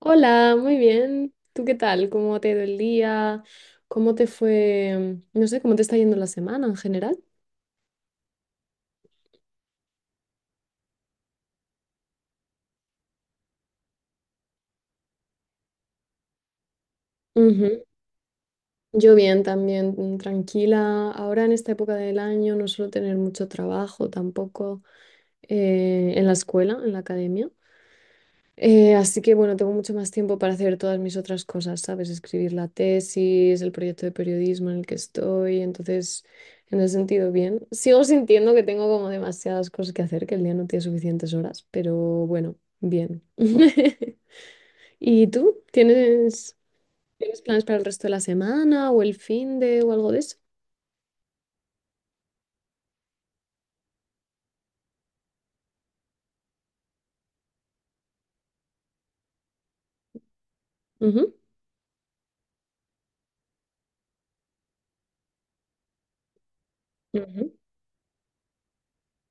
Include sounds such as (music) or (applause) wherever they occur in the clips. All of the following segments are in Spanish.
Hola, muy bien. ¿Tú qué tal? ¿Cómo te ha ido el día? ¿Cómo te fue? No sé, ¿cómo te está yendo la semana en general? Ujú. Yo bien también, tranquila. Ahora en esta época del año no suelo tener mucho trabajo tampoco en la escuela, en la academia. Así que bueno, tengo mucho más tiempo para hacer todas mis otras cosas, ¿sabes? Escribir la tesis, el proyecto de periodismo en el que estoy, entonces, en ese sentido, bien. Sigo sintiendo que tengo como demasiadas cosas que hacer, que el día no tiene suficientes horas, pero bueno, bien. (laughs) ¿Y tú? ¿Tienes planes para el resto de la semana o el fin de o algo de eso? Ujú, ujú.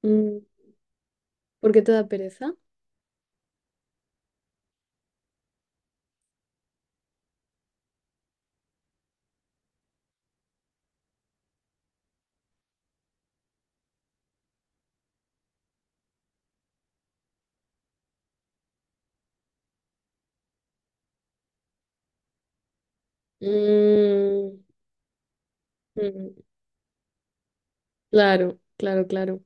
Mm, ¿por qué te da pereza? Mm, mm, claro, claro, claro.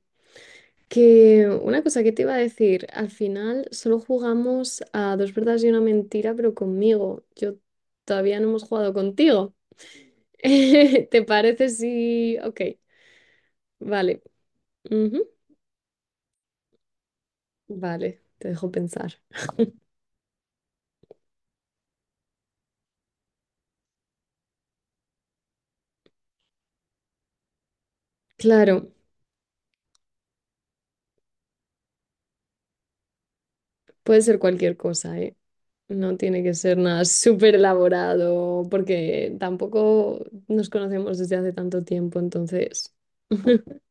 Que una cosa que te iba a decir, al final solo jugamos a dos verdades y una mentira, pero conmigo. Yo todavía no hemos jugado contigo. (laughs) ¿Te parece si... Ok, vale. Ujú, vale, te dejo pensar. Claro, puede ser cualquier cosa, ¿eh? No tiene que ser nada súper elaborado, porque tampoco nos conocemos desde hace tanto tiempo, entonces... (laughs)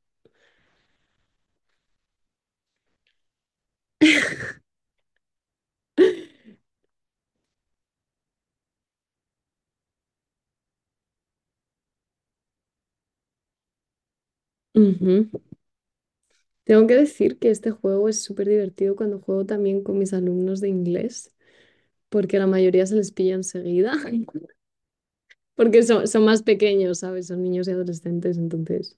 Ujú. Tengo que decir que este juego es súper divertido cuando juego también con mis alumnos de inglés, porque la mayoría se les pilla enseguida, (laughs) porque son más pequeños, ¿sabes? Son niños y adolescentes, entonces.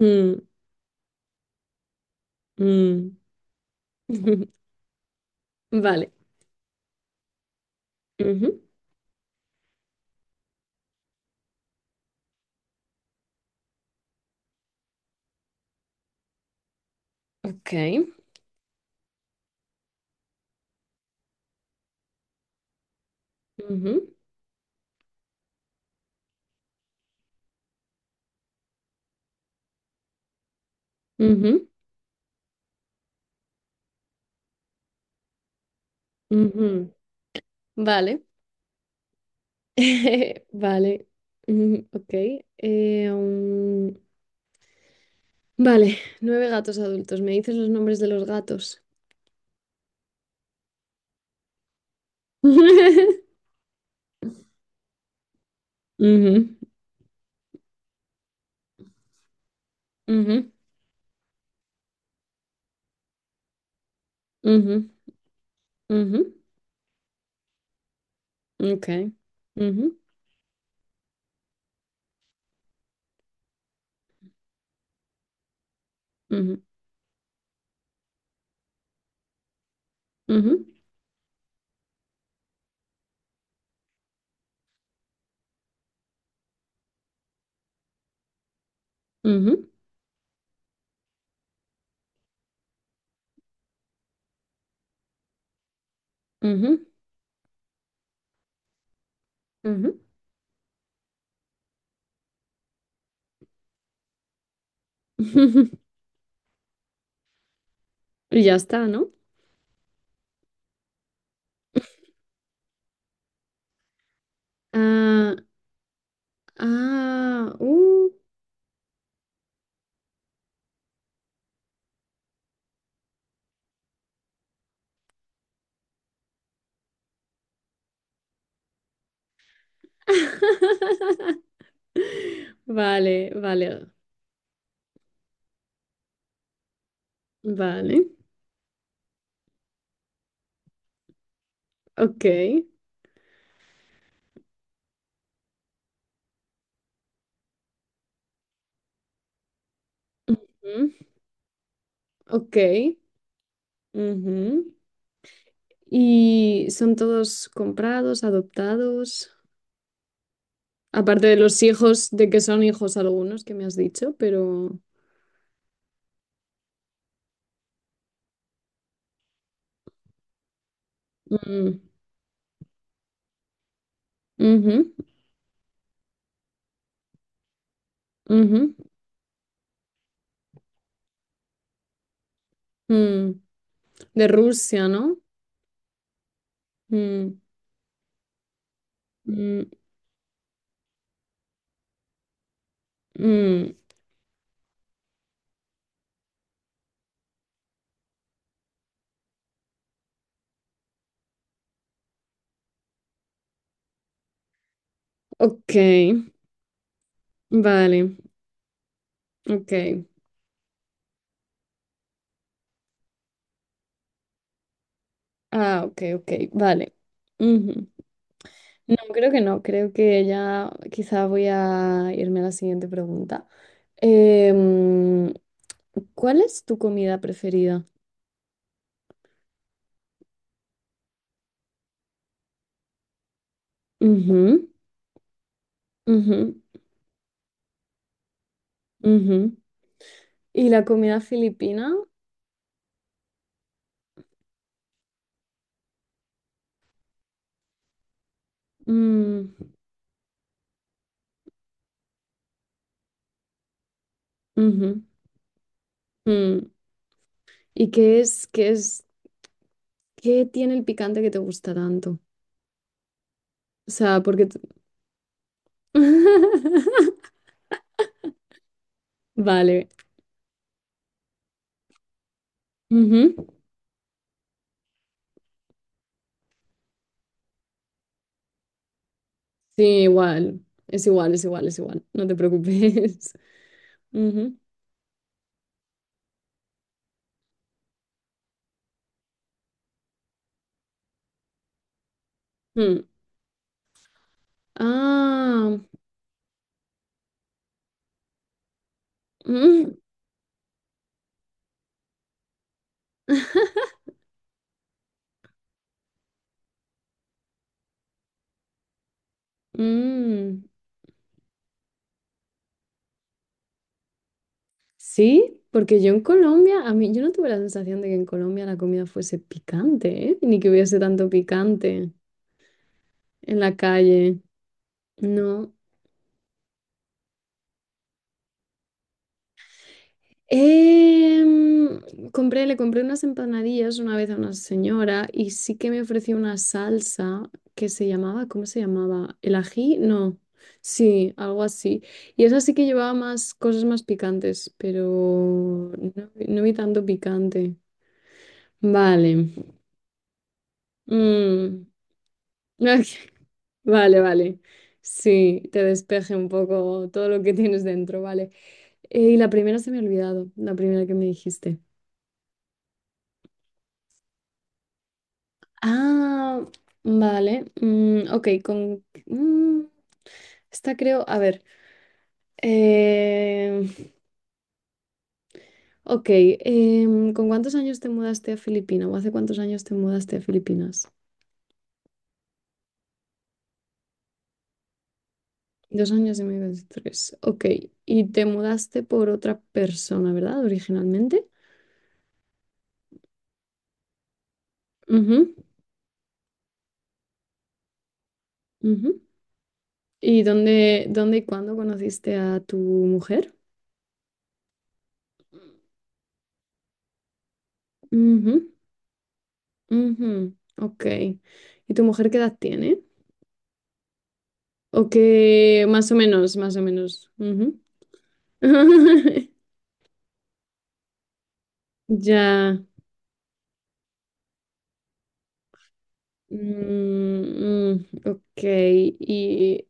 Mm, mm. (laughs) Vale. Ujú. Ok. Ujú, ujú, ujú. Vale. (laughs) Vale. Ujú, ok. Eh, um, Vale. Nueve gatos adultos. ¿Me dices los nombres de los gatos? (laughs) Ujú, ujú, ujú. Ujú, ok. Ujú, ujú, ujú, ujú, ujú, ujú. (laughs) Y ya está, ¿no? Ah, ah. (laughs) Vale, vale, vale. Ok. Ujú, ok. Ujú. ¿Y son todos comprados, adoptados? Aparte de los hijos, de que son hijos algunos que me has dicho, pero. Mm, ujú, ujú, mm. ¿De Rusia, no? Mm, mm, mm. Ok, vale, ok. Ah, ok, ok, vale. Ujú. No, creo que no, creo que ya quizá voy a irme a la siguiente pregunta. Em, ¿Cuál es tu comida preferida? Ujú, ujú, ujú. ¿Y la comida filipina? Mm, ujú, mm. ¿Y qué tiene el picante que te gusta tanto? O sea, porque... tú- (laughs) Vale. Ujú. Sí, igual. Es igual, es igual, es igual. No te preocupes. (laughs) Ujú. Mm. Ah. Mm, (laughs) mm. Sí, porque yo en Colombia, a mí, yo no tuve la sensación de que en Colombia la comida fuese picante, ¿eh? Ni que hubiese tanto picante en la calle. No. Em, Compré, le compré unas empanadillas una vez a una señora y sí que me ofreció una salsa que se llamaba, ¿cómo se llamaba? ¿El ají? No. Sí, algo así. Y esa sí que llevaba más cosas más picantes, pero no, no vi tanto picante. Vale. Mm. (laughs) Vale, vale. Sí, te despeje un poco todo lo que tienes dentro, vale. Y la primera se me ha olvidado, la primera que me dijiste. Ah, vale. Ok, con... esta creo... A ver. eh, ok, ¿con cuántos años te mudaste a Filipinas? ¿O hace cuántos años te mudaste a Filipinas? 2 años y medio, tres. Ok, y te mudaste por otra persona, ¿verdad? Originalmente. Ujú, ujú. ¿Y dónde y cuándo conociste a tu mujer? Ujú, ujú, ok. ¿Y tu mujer qué edad tiene? Ok, más o menos, más o menos. Ujú. (laughs) Ya. Mm, mm, ok, y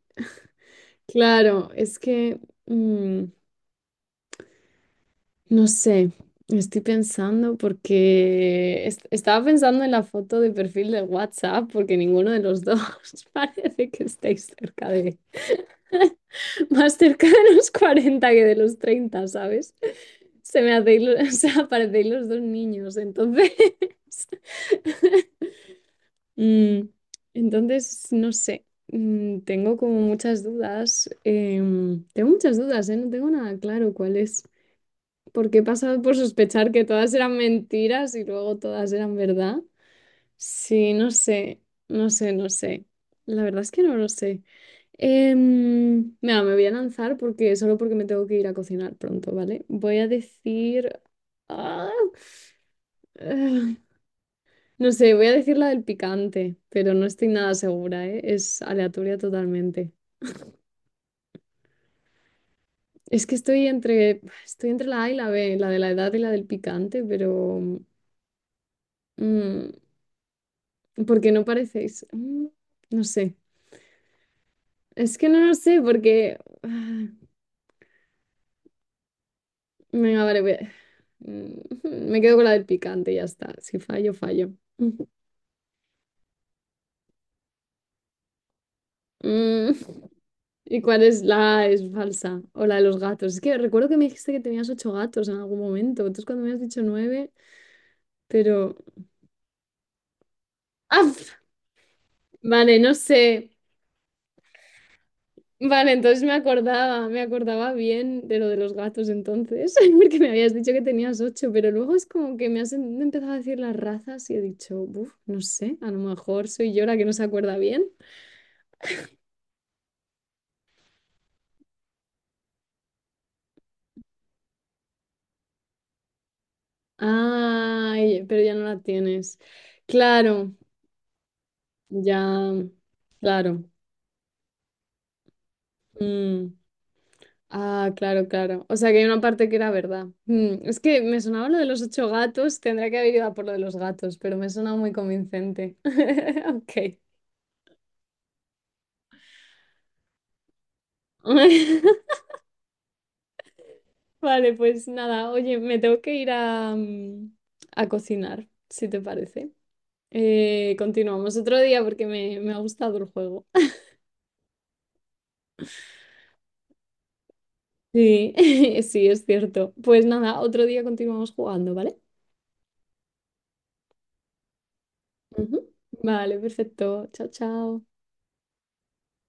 claro, es que mm, no sé, estoy pensando porque estaba pensando en la foto de perfil de WhatsApp porque ninguno de los dos (laughs) parece que estéis cerca de, (laughs) más cerca de los 40 que de los treinta, ¿sabes? Se me hacéis, lo- (laughs) o sea, parecéis los dos niños, entonces. (laughs) Mm, entonces, no sé, mm, tengo como muchas dudas. Tengo muchas dudas, ¿eh? No tengo nada claro cuál es. Porque he pasado por sospechar que todas eran mentiras y luego todas eran verdad. Sí, no sé, no sé, no sé. La verdad es que no lo sé. Mira, me voy a lanzar porque solo porque me tengo que ir a cocinar pronto, ¿vale? Voy a decir... ¡Ah! No sé, voy a decir la del picante, pero no estoy nada segura, ¿eh? Es aleatoria totalmente. Es que estoy entre la A y la B, la de la edad y la del picante, pero mm, porque no parecéis. Mm, no sé. Es que no lo sé, porque. Ah, venga, vale, voy a- mm, (laughs) me quedo con la del picante, ya está. Si fallo, fallo. Mm, ¿y cuál es la es falsa? O la de los gatos. Es que recuerdo que me dijiste que tenías 8 gatos en algún momento. Entonces cuando me has dicho 9, pero... ¡Ah! Vale, no sé. Vale, entonces me acordaba bien de lo de los gatos entonces, (laughs) porque me habías dicho que tenías 8, pero luego es como que me has empezado a decir las razas y he dicho, uff, no sé, a lo mejor soy yo la que no se acuerda bien. Ay, pero ya no la tienes. Claro, ya, claro. Mm, ah, claro, claro. O sea que hay una parte que era verdad. Mm, es que me sonaba lo de los 8 gatos, tendría que haber ido a por lo de los gatos, pero me sonaba muy convincente. (laughs) Ok. (laughs) Vale, pues nada, oye, me tengo que ir a, a cocinar, si te parece. Continuamos otro día porque me ha gustado el juego. (laughs) Sí, (laughs) sí, es cierto. Pues nada, otro día continuamos jugando, ¿vale? Ujú. Vale, perfecto. Chao, chao.